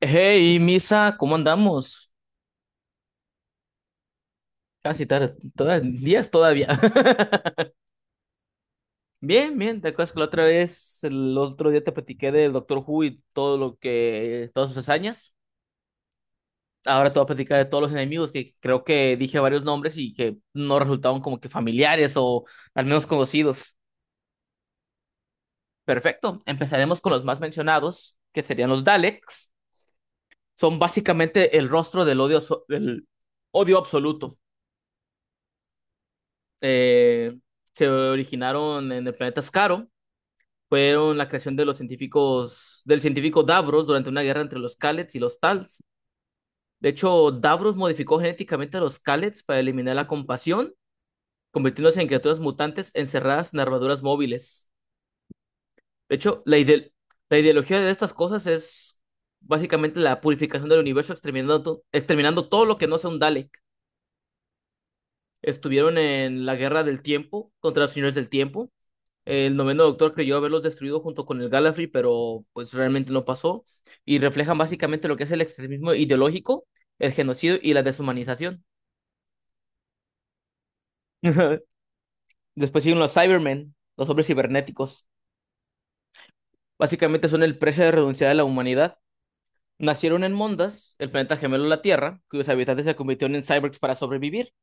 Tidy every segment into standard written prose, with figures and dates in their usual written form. Hey, Misa, ¿cómo andamos? Casi tarde, días todavía. Bien, bien, ¿te acuerdas que la otra vez, el otro día te platiqué del Doctor Who y todas sus hazañas? Ahora te voy a platicar de todos los enemigos que creo que dije varios nombres y que no resultaban como que familiares o al menos conocidos. Perfecto, empezaremos con los más mencionados, que serían los Daleks. Son básicamente el rostro del odio, del odio absoluto. eh, Se originaron en el planeta Skaro. Fueron la creación de los científicos, del científico Davros durante una guerra entre los Kallets y los Tals. De hecho, Davros modificó genéticamente a los Kallets para eliminar la compasión, convirtiéndose en criaturas mutantes encerradas en armaduras móviles. De hecho, la ideología de estas cosas es básicamente la purificación del universo, exterminando, exterminando todo lo que no sea un Dale. Estuvieron en la Guerra del Tiempo contra los Señores del Tiempo. El noveno doctor creyó haberlos destruido junto con el Gallifrey, pero pues realmente no pasó. Y reflejan básicamente lo que es el extremismo ideológico, el genocidio y la deshumanización. Después siguen los Cybermen, los hombres cibernéticos. Básicamente son el precio de renunciar de la humanidad. Nacieron en Mondas, el planeta gemelo de la Tierra, cuyos habitantes se convirtieron en cyborgs para sobrevivir.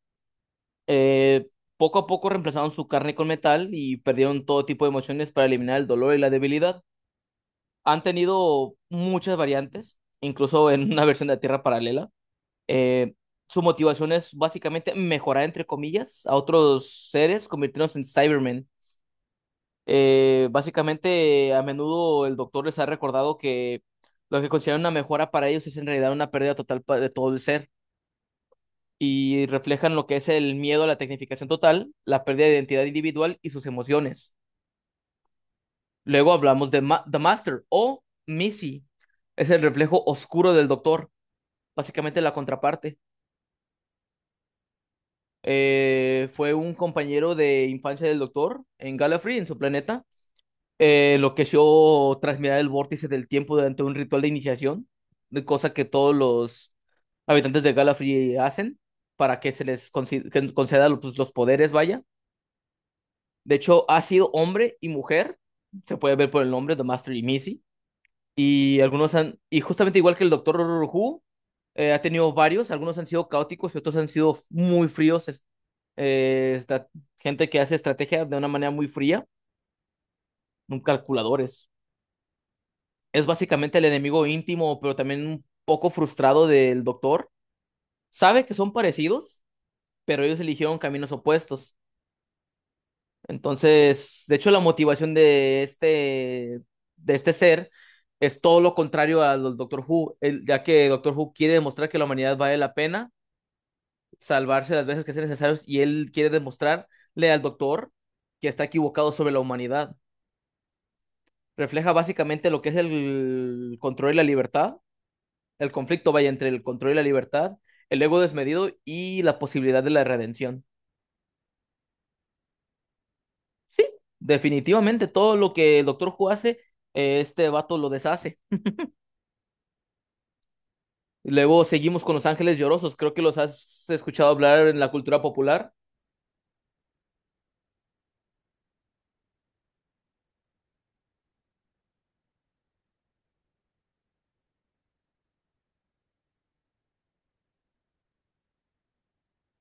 Eh, Poco a poco reemplazaron su carne con metal y perdieron todo tipo de emociones para eliminar el dolor y la debilidad. Han tenido muchas variantes, incluso en una versión de la Tierra Paralela. Eh, Su motivación es básicamente mejorar, entre comillas, a otros seres, convirtiéndose en Cybermen. Básicamente, a menudo el doctor les ha recordado que lo que consideran una mejora para ellos es en realidad una pérdida total de todo el ser. Y reflejan lo que es el miedo a la tecnificación total, la pérdida de identidad individual y sus emociones. Luego hablamos de The Master o Missy. Es el reflejo oscuro del doctor, básicamente la contraparte. Fue un compañero de infancia del doctor en Gallifrey, en su planeta. Lo que yo tras mirar el vórtice del tiempo durante un ritual de iniciación, de cosa que todos los habitantes de Gallifrey hacen para que se les que conceda los, pues, los poderes, vaya. De hecho, ha sido hombre y mujer, se puede ver por el nombre, The Master y Missy, y justamente igual que el Doctor Who, ha tenido varios, algunos han sido caóticos y otros han sido muy fríos, esta gente que hace estrategia de una manera muy fría, un calculadores. Es básicamente el enemigo íntimo, pero también un poco frustrado del Doctor. Sabe que son parecidos, pero ellos eligieron caminos opuestos. Entonces, de hecho, la motivación de este ser es todo lo contrario al Doctor Who, ya que Doctor Who quiere demostrar que la humanidad vale la pena salvarse las veces que sean necesarios y él quiere demostrarle al Doctor que está equivocado sobre la humanidad. Refleja básicamente lo que es el control y la libertad, el conflicto vaya entre el control y la libertad, el ego desmedido y la posibilidad de la redención. Sí, definitivamente todo lo que el Doctor Who hace, este vato lo deshace. Luego seguimos con Los Ángeles Llorosos. Creo que los has escuchado hablar en la cultura popular.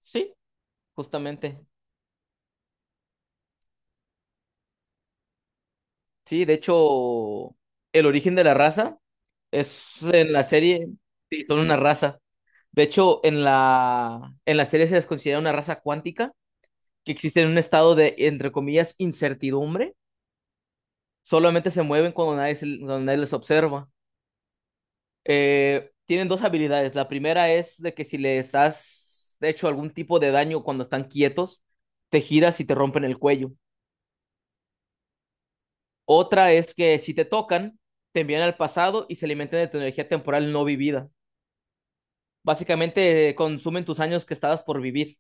Sí, justamente. Sí, de hecho, el origen de la raza es en la serie. Sí, son una raza. De hecho, en la serie se les considera una raza cuántica que existe en un estado de, entre comillas, incertidumbre. Solamente se mueven cuando nadie les observa. Tienen dos habilidades. La primera es de que si les has hecho algún tipo de daño cuando están quietos, te giras y te rompen el cuello. Otra es que si te tocan, te envían al pasado y se alimentan de tu energía temporal no vivida. Básicamente consumen tus años que estabas por vivir.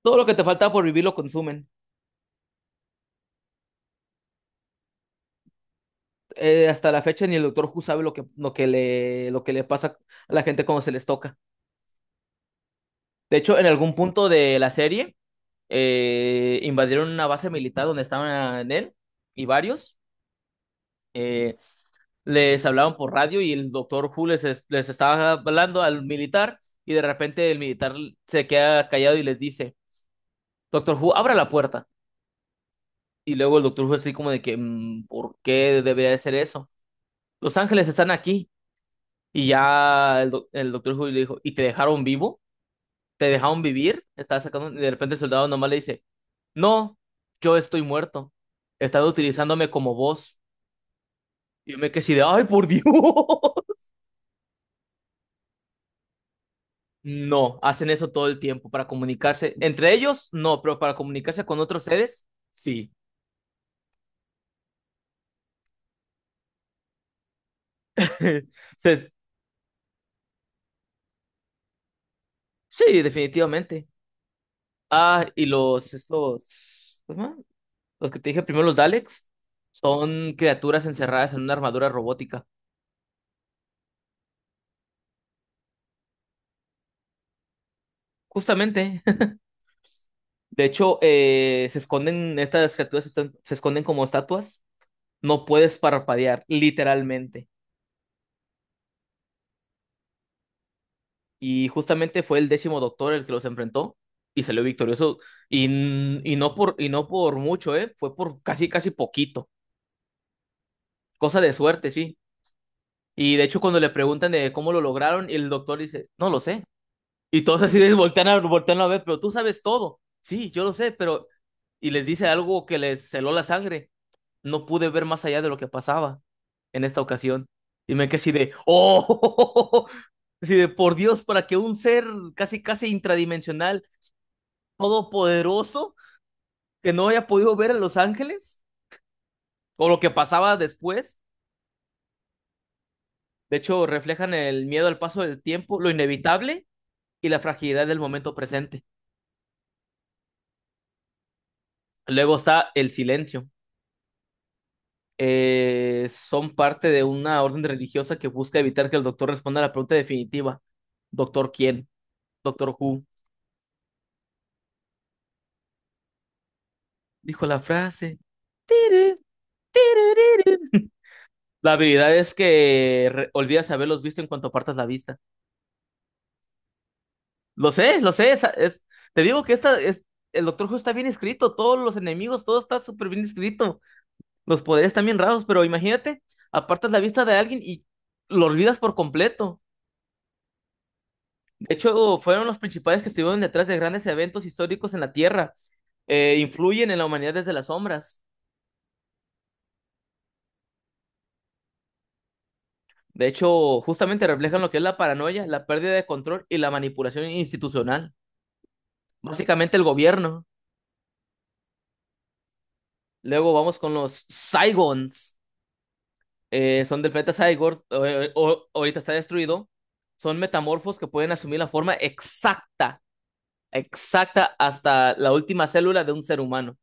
Todo lo que te falta por vivir lo consumen. Hasta la fecha ni el Doctor Who sabe lo que le pasa a la gente cuando se les toca. De hecho, en algún punto de la serie, invadieron una base militar donde estaban él y varios. eh, Les hablaban por radio y el doctor Who les estaba hablando al militar y de repente el militar se queda callado y les dice, Doctor Who, abra la puerta. Y luego el Doctor Who así como de que, ¿Por qué debería de ser eso? Los ángeles están aquí". Y ya el Doctor Who le dijo, ¿y te dejaron vivo? Te dejaron vivir, estás sacando, y de repente el soldado nomás le dice, no, yo estoy muerto, estaba utilizándome como voz. Y yo me quedé así de, ay, por Dios. No, hacen eso todo el tiempo para comunicarse. Entre ellos, no, pero para comunicarse con otros seres, sí. Entonces, sí, definitivamente. Ah, y estos, ¿cómo se llama? Los que te dije primero, los Daleks, son criaturas encerradas en una armadura robótica. Justamente. De hecho, se esconden, estas criaturas se esconden como estatuas. No puedes parpadear, literalmente. Y justamente fue el décimo doctor el que los enfrentó y salió victorioso. Y no por mucho, ¿eh? Fue por casi, casi poquito. Cosa de suerte, sí. Y de hecho, cuando le preguntan de cómo lo lograron, el doctor dice, no lo sé. Y todos así de voltean a ver, pero tú sabes todo. Sí, yo lo sé, pero... Y les dice algo que les celó la sangre. No pude ver más allá de lo que pasaba en esta ocasión. Y me quedé así de, ¡oh! Así de, por Dios, para que un ser casi, casi intradimensional, todopoderoso, que no haya podido ver a Los Ángeles, o lo que pasaba después. De hecho, reflejan el miedo al paso del tiempo, lo inevitable y la fragilidad del momento presente. Luego está el silencio. Son parte de una orden religiosa que busca evitar que el doctor responda a la pregunta definitiva. ¿Doctor quién? ¿Doctor who? Dijo la frase. "Tiri, tiri, tiri". La habilidad es que olvidas haberlos visto en cuanto apartas la vista. Lo sé, lo sé. Te digo que el Doctor Who está bien escrito. Todos los enemigos, todo está súper bien escrito. Los poderes están bien raros, pero imagínate, apartas la vista de alguien y lo olvidas por completo. De hecho, fueron los principales que estuvieron detrás de grandes eventos históricos en la Tierra. Influyen en la humanidad desde las sombras. De hecho, justamente reflejan lo que es la paranoia, la pérdida de control y la manipulación institucional. Básicamente el gobierno. Luego vamos con los Saigons. Son del planeta Saigor. Ahorita está destruido. Son metamorfos que pueden asumir la forma exacta, exacta hasta la última célula de un ser humano.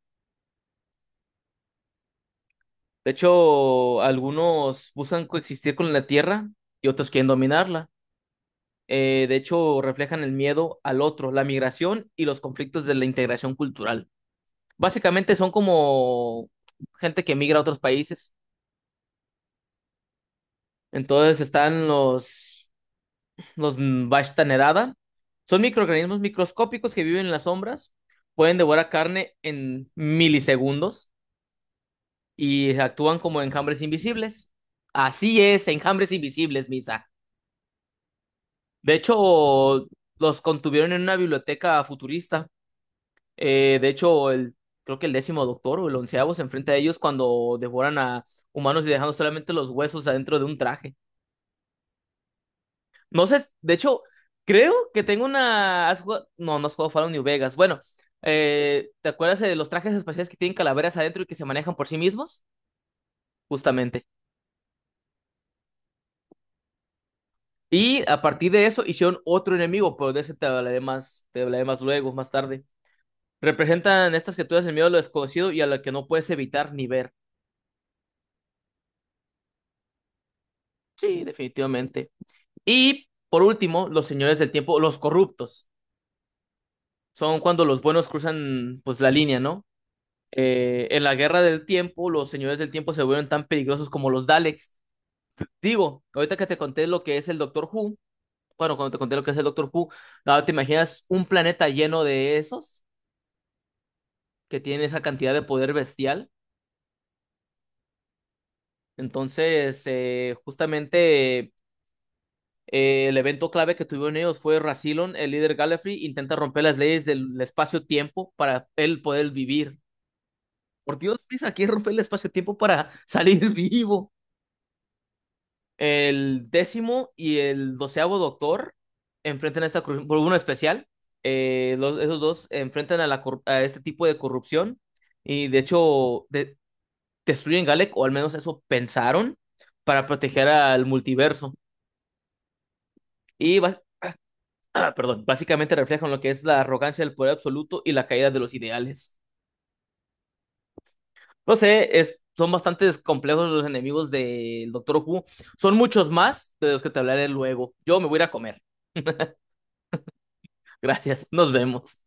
De hecho, algunos buscan coexistir con la Tierra y otros quieren dominarla. De hecho, reflejan el miedo al otro, la migración y los conflictos de la integración cultural. Básicamente son como gente que migra a otros países. Entonces están los Vashta Nerada. Son microorganismos microscópicos que viven en las sombras. Pueden devorar carne en milisegundos y actúan como enjambres invisibles. Así es, enjambres invisibles, Misa. De hecho, los contuvieron en una biblioteca futurista. De hecho, creo que el décimo doctor o el onceavo se enfrenta a ellos cuando devoran a humanos y dejando solamente los huesos adentro de un traje. No sé, de hecho, creo que tengo una. No, no has jugado Fallout New Vegas. Bueno, ¿te acuerdas de los trajes espaciales que tienen calaveras adentro y que se manejan por sí mismos? Justamente. Y a partir de eso hicieron otro enemigo, pero de ese te hablaré más luego, más tarde. Representan estas criaturas el miedo a lo desconocido y a lo que no puedes evitar ni ver. Sí, definitivamente. Y por último, los señores del tiempo, los corruptos. Son cuando los buenos cruzan pues la línea, ¿no? En la guerra del tiempo, los señores del tiempo se vuelven tan peligrosos como los Daleks. Digo, ahorita que te conté lo que es el Doctor Who, bueno, cuando te conté lo que es el Doctor Who, ahora te imaginas un planeta lleno de esos que tienen esa cantidad de poder bestial. Entonces, justamente el evento clave que tuvieron ellos fue Rassilon, el líder Gallifrey, intenta romper las leyes del espacio-tiempo para él poder vivir. Por Dios, Luis, aquí rompe el espacio-tiempo para salir vivo. El décimo y el doceavo doctor enfrentan a esta corrupción por uno especial. Esos dos enfrentan a este tipo de corrupción y de hecho destruyen Galek, o al menos eso pensaron, para proteger al multiverso. Y bas- perdón, básicamente reflejan lo que es la arrogancia del poder absoluto y la caída de los ideales. No sé, son bastante complejos los enemigos del Doctor Who. Son muchos más de los que te hablaré luego. Yo me voy a ir a comer. Gracias, nos vemos.